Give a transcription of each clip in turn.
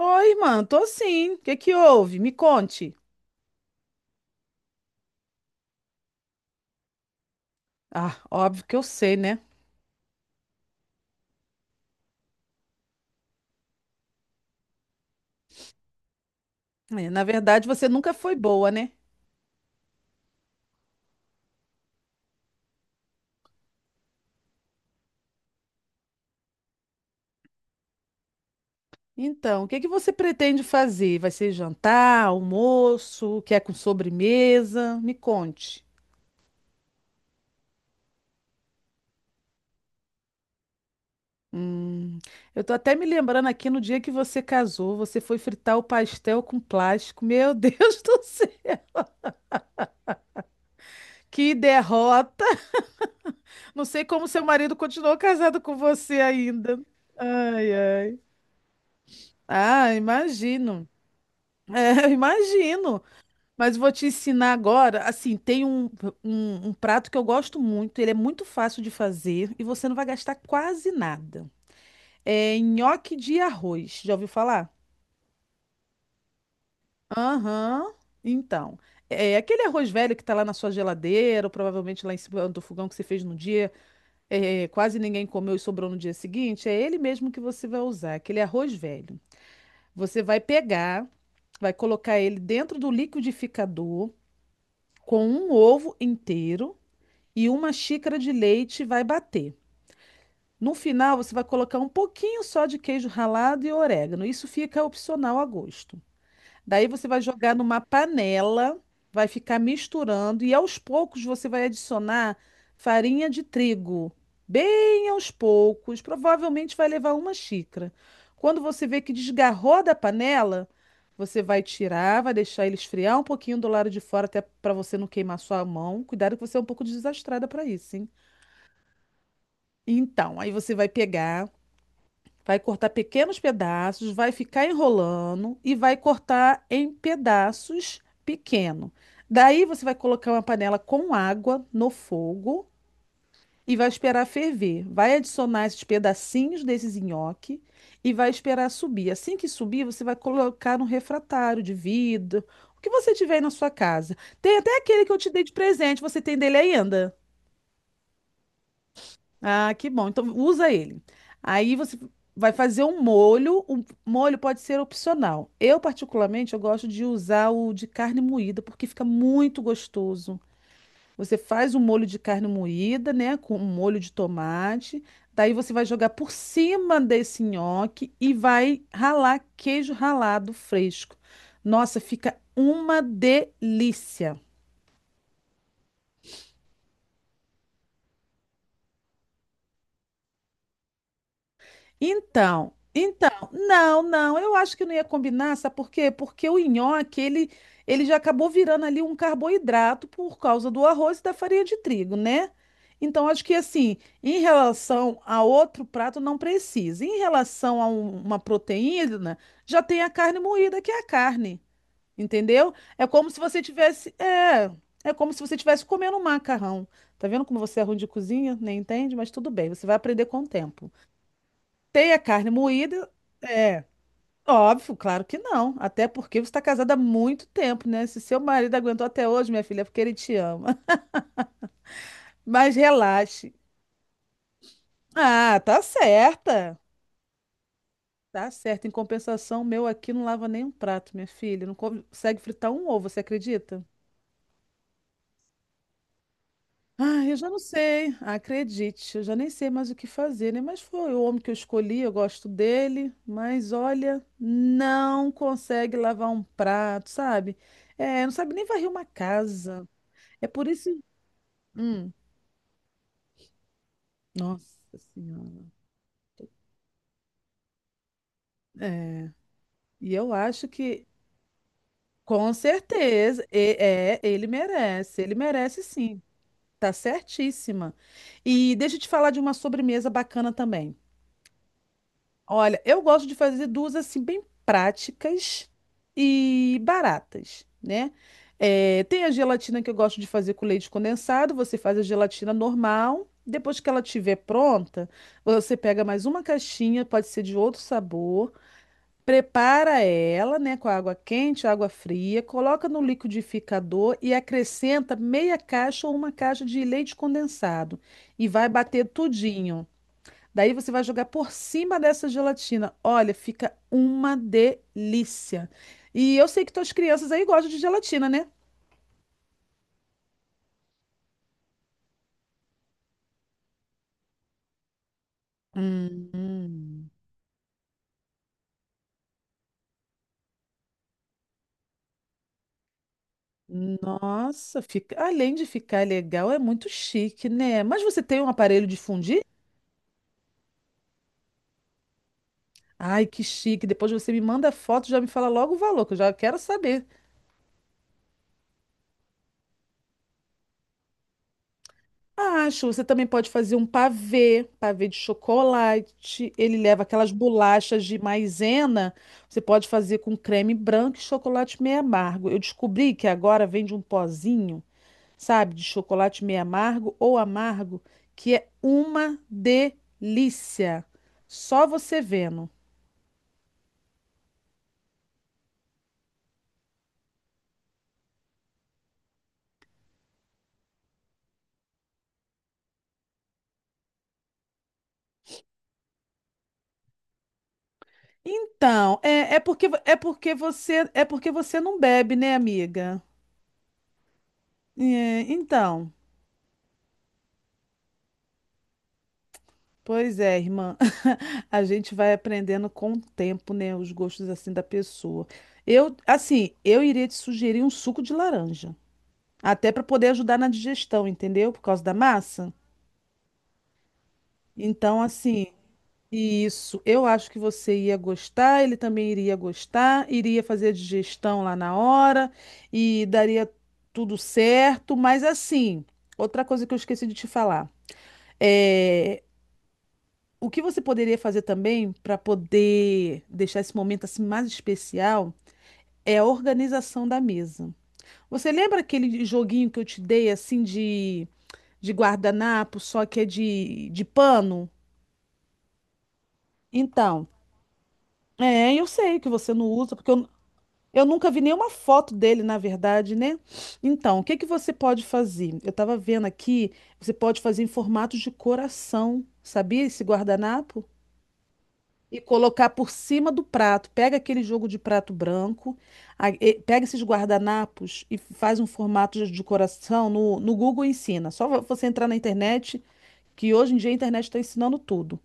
Oi, mano. Tô sim. O que que houve? Me conte. Ah, óbvio que eu sei, né? É, na verdade, você nunca foi boa, né? Então, o que que você pretende fazer? Vai ser jantar, almoço, quer com sobremesa? Me conte. Hum, eu tô até me lembrando aqui no dia que você casou, você foi fritar o pastel com plástico. Meu Deus do céu, que derrota! Não sei como seu marido continuou casado com você ainda. Ai, ai. Ah, imagino. É, eu imagino. Mas vou te ensinar agora. Assim, tem um prato que eu gosto muito. Ele é muito fácil de fazer e você não vai gastar quase nada. É nhoque de arroz. Já ouviu falar? Aham. Então, é aquele arroz velho que tá lá na sua geladeira, ou provavelmente lá em cima do fogão que você fez no dia, quase ninguém comeu e sobrou no dia seguinte. É ele mesmo que você vai usar, aquele arroz velho. Você vai pegar, vai colocar ele dentro do liquidificador com um ovo inteiro e uma xícara de leite, vai bater. No final, você vai colocar um pouquinho só de queijo ralado e orégano. Isso fica opcional a gosto. Daí você vai jogar numa panela, vai ficar misturando e aos poucos você vai adicionar farinha de trigo, bem aos poucos, provavelmente vai levar uma xícara. Quando você vê que desgarrou da panela, você vai tirar, vai deixar ele esfriar um pouquinho do lado de fora, até para você não queimar sua mão. Cuidado que você é um pouco desastrada para isso, hein? Então, aí você vai pegar, vai cortar pequenos pedaços, vai ficar enrolando e vai cortar em pedaços pequeno. Daí você vai colocar uma panela com água no fogo e vai esperar ferver. Vai adicionar esses pedacinhos desses nhoque e vai esperar subir. Assim que subir, você vai colocar no refratário de vidro, o que você tiver aí na sua casa. Tem até aquele que eu te dei de presente, você tem dele ainda? Ah, que bom. Então usa ele. Aí você vai fazer um molho. O molho pode ser opcional. Eu, particularmente, eu gosto de usar o de carne moída, porque fica muito gostoso. Você faz um molho de carne moída, né? Com um molho de tomate. Daí você vai jogar por cima desse nhoque e vai ralar queijo ralado fresco. Nossa, fica uma delícia. Então, não, não, eu acho que não ia combinar, sabe por quê? Porque o nhoque, ele já acabou virando ali um carboidrato por causa do arroz e da farinha de trigo, né? Então, acho que assim, em relação a outro prato, não precisa. Em relação a uma proteína, já tem a carne moída, que é a carne, entendeu? Como se você tivesse comendo um macarrão. Tá vendo como você é ruim de cozinha? Nem entende, mas tudo bem, você vai aprender com o tempo. Tem a carne moída? É, óbvio, claro que não. Até porque você está casada há muito tempo, né? Se seu marido aguentou até hoje, minha filha, é porque ele te ama. Mas relaxe. Ah, tá certa. Tá certa. Em compensação, o meu aqui não lava nem um prato, minha filha. Não consegue fritar um ovo, você acredita? Ah, eu já não sei, acredite, eu já nem sei mais o que fazer, né? Mas foi o homem que eu escolhi, eu gosto dele, mas olha, não consegue lavar um prato, sabe? É, não sabe nem varrer uma casa. É por isso. Hum, nossa Senhora. É, e eu acho que, com certeza, é, ele merece sim, tá certíssima. E deixa eu te falar de uma sobremesa bacana também. Olha, eu gosto de fazer duas assim bem práticas e baratas, né? Tem a gelatina que eu gosto de fazer com leite condensado. Você faz a gelatina normal. Depois que ela estiver pronta, você pega mais uma caixinha, pode ser de outro sabor. Prepara ela, né, com água quente, água fria, coloca no liquidificador e acrescenta meia caixa ou uma caixa de leite condensado e vai bater tudinho. Daí você vai jogar por cima dessa gelatina. Olha, fica uma delícia. E eu sei que tuas crianças aí gostam de gelatina, né? Hum, nossa, fica, além de ficar legal, é muito chique, né? Mas você tem um aparelho de fundir? Ai, que chique. Depois você me manda a foto, já me fala logo o valor, que eu já quero saber. Acho, você também pode fazer um pavê, pavê de chocolate. Ele leva aquelas bolachas de maisena. Você pode fazer com creme branco e chocolate meio amargo. Eu descobri que agora vende um pozinho, sabe, de chocolate meio amargo ou amargo, que é uma delícia. Só você vendo. Então, é porque você não bebe, né, amiga? É, então. Pois é, irmã. A gente vai aprendendo com o tempo, né, os gostos assim da pessoa. Eu, assim, eu iria te sugerir um suco de laranja, até para poder ajudar na digestão, entendeu? Por causa da massa. Então, assim, isso, eu acho que você ia gostar, ele também iria gostar, iria fazer a digestão lá na hora e daria tudo certo, mas assim, outra coisa que eu esqueci de te falar. eh, O que você poderia fazer também para poder deixar esse momento assim mais especial é a organização da mesa. Você lembra aquele joguinho que eu te dei assim de guardanapo, só que é de pano? Então, eu sei que você não usa, porque eu nunca vi nenhuma foto dele, na verdade, né? Então, o que que você pode fazer? Eu estava vendo aqui, você pode fazer em formato de coração, sabia esse guardanapo? E colocar por cima do prato. Pega aquele jogo de prato branco, pega esses guardanapos e faz um formato de decoração no Google ensina. Só você entrar na internet, que hoje em dia a internet está ensinando tudo.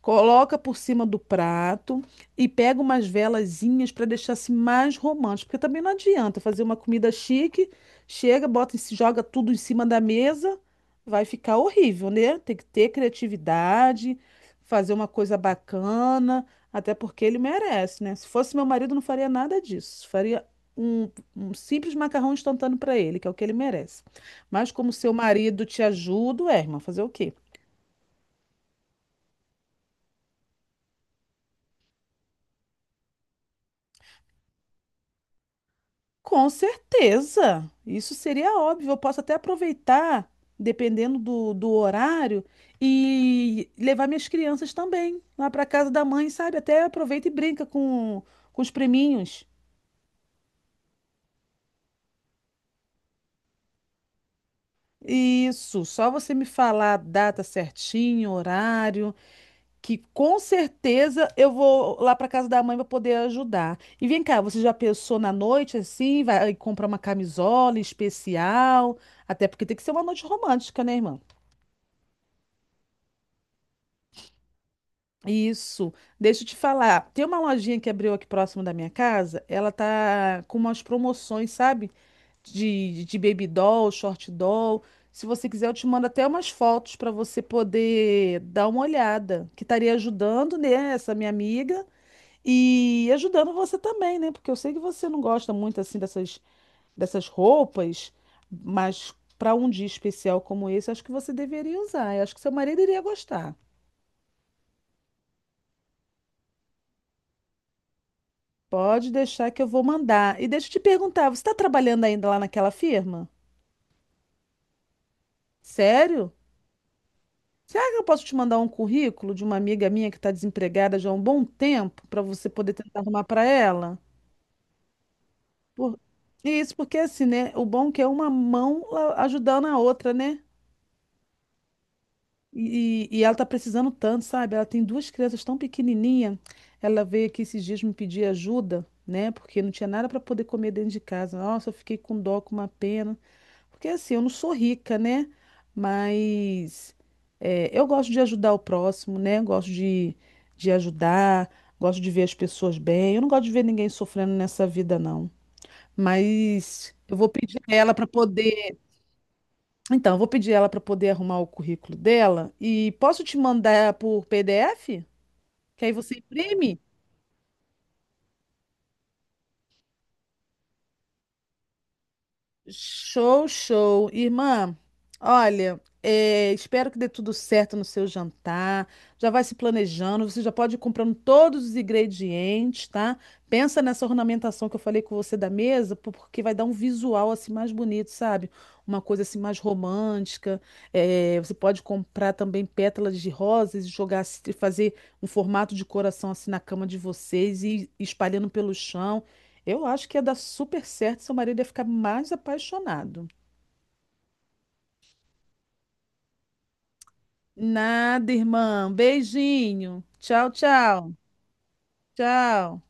Coloca por cima do prato e pega umas velazinhas para deixar assim mais romântico, porque também não adianta fazer uma comida chique, chega, bota, joga tudo em cima da mesa, vai ficar horrível, né? Tem que ter criatividade, fazer uma coisa bacana, até porque ele merece, né? Se fosse meu marido, não faria nada disso. Faria um, um simples macarrão instantâneo para ele, que é o que ele merece. Mas como seu marido te ajuda, é, irmã, fazer o quê? Com certeza, isso seria óbvio. Eu posso até aproveitar, dependendo do horário, e levar minhas crianças também lá para casa da mãe, sabe? Até aproveita e brinca com os priminhos. Isso, só você me falar a data certinho, horário, que com certeza eu vou lá para casa da mãe para poder ajudar. E vem cá, você já pensou na noite assim, vai comprar uma camisola especial? Até porque tem que ser uma noite romântica, né, irmã? Isso. Deixa eu te falar. Tem uma lojinha que abriu aqui próximo da minha casa. Ela tá com umas promoções, sabe? De baby doll, short doll. Se você quiser, eu te mando até umas fotos para você poder dar uma olhada. Que estaria ajudando, né, essa minha amiga e ajudando você também, né? Porque eu sei que você não gosta muito assim dessas roupas, mas para um dia especial como esse, acho que você deveria usar. Eu acho que seu marido iria gostar. Pode deixar que eu vou mandar. E deixa eu te perguntar, você está trabalhando ainda lá naquela firma? Sério? Será que eu posso te mandar um currículo de uma amiga minha que está desempregada já há um bom tempo para você poder tentar arrumar para ela? Por... Isso, porque assim, né? O bom é que é uma mão ajudando a outra, né? E ela tá precisando tanto, sabe? Ela tem duas crianças tão pequenininha. Ela veio aqui esses dias me pedir ajuda, né? Porque não tinha nada para poder comer dentro de casa. Nossa, eu fiquei com dó, com uma pena. Porque assim, eu não sou rica, né? Mas eu gosto de ajudar o próximo, né? Gosto de ajudar, gosto de ver as pessoas bem. Eu não gosto de ver ninguém sofrendo nessa vida, não. Mas eu vou pedir a ela para poder. Então, eu vou pedir ela para poder arrumar o currículo dela. E posso te mandar por PDF? Que aí você imprime? Show, show. Irmã, olha, espero que dê tudo certo no seu jantar. Já vai se planejando, você já pode ir comprando todos os ingredientes, tá? Pensa nessa ornamentação que eu falei com você da mesa, porque vai dar um visual assim mais bonito, sabe? Uma coisa assim mais romântica. Você pode comprar também pétalas de rosas e jogar, assim, fazer um formato de coração assim na cama de vocês e espalhando pelo chão. Eu acho que ia dar super certo, seu marido ia ficar mais apaixonado. Nada, irmã. Beijinho. Tchau, tchau. Tchau.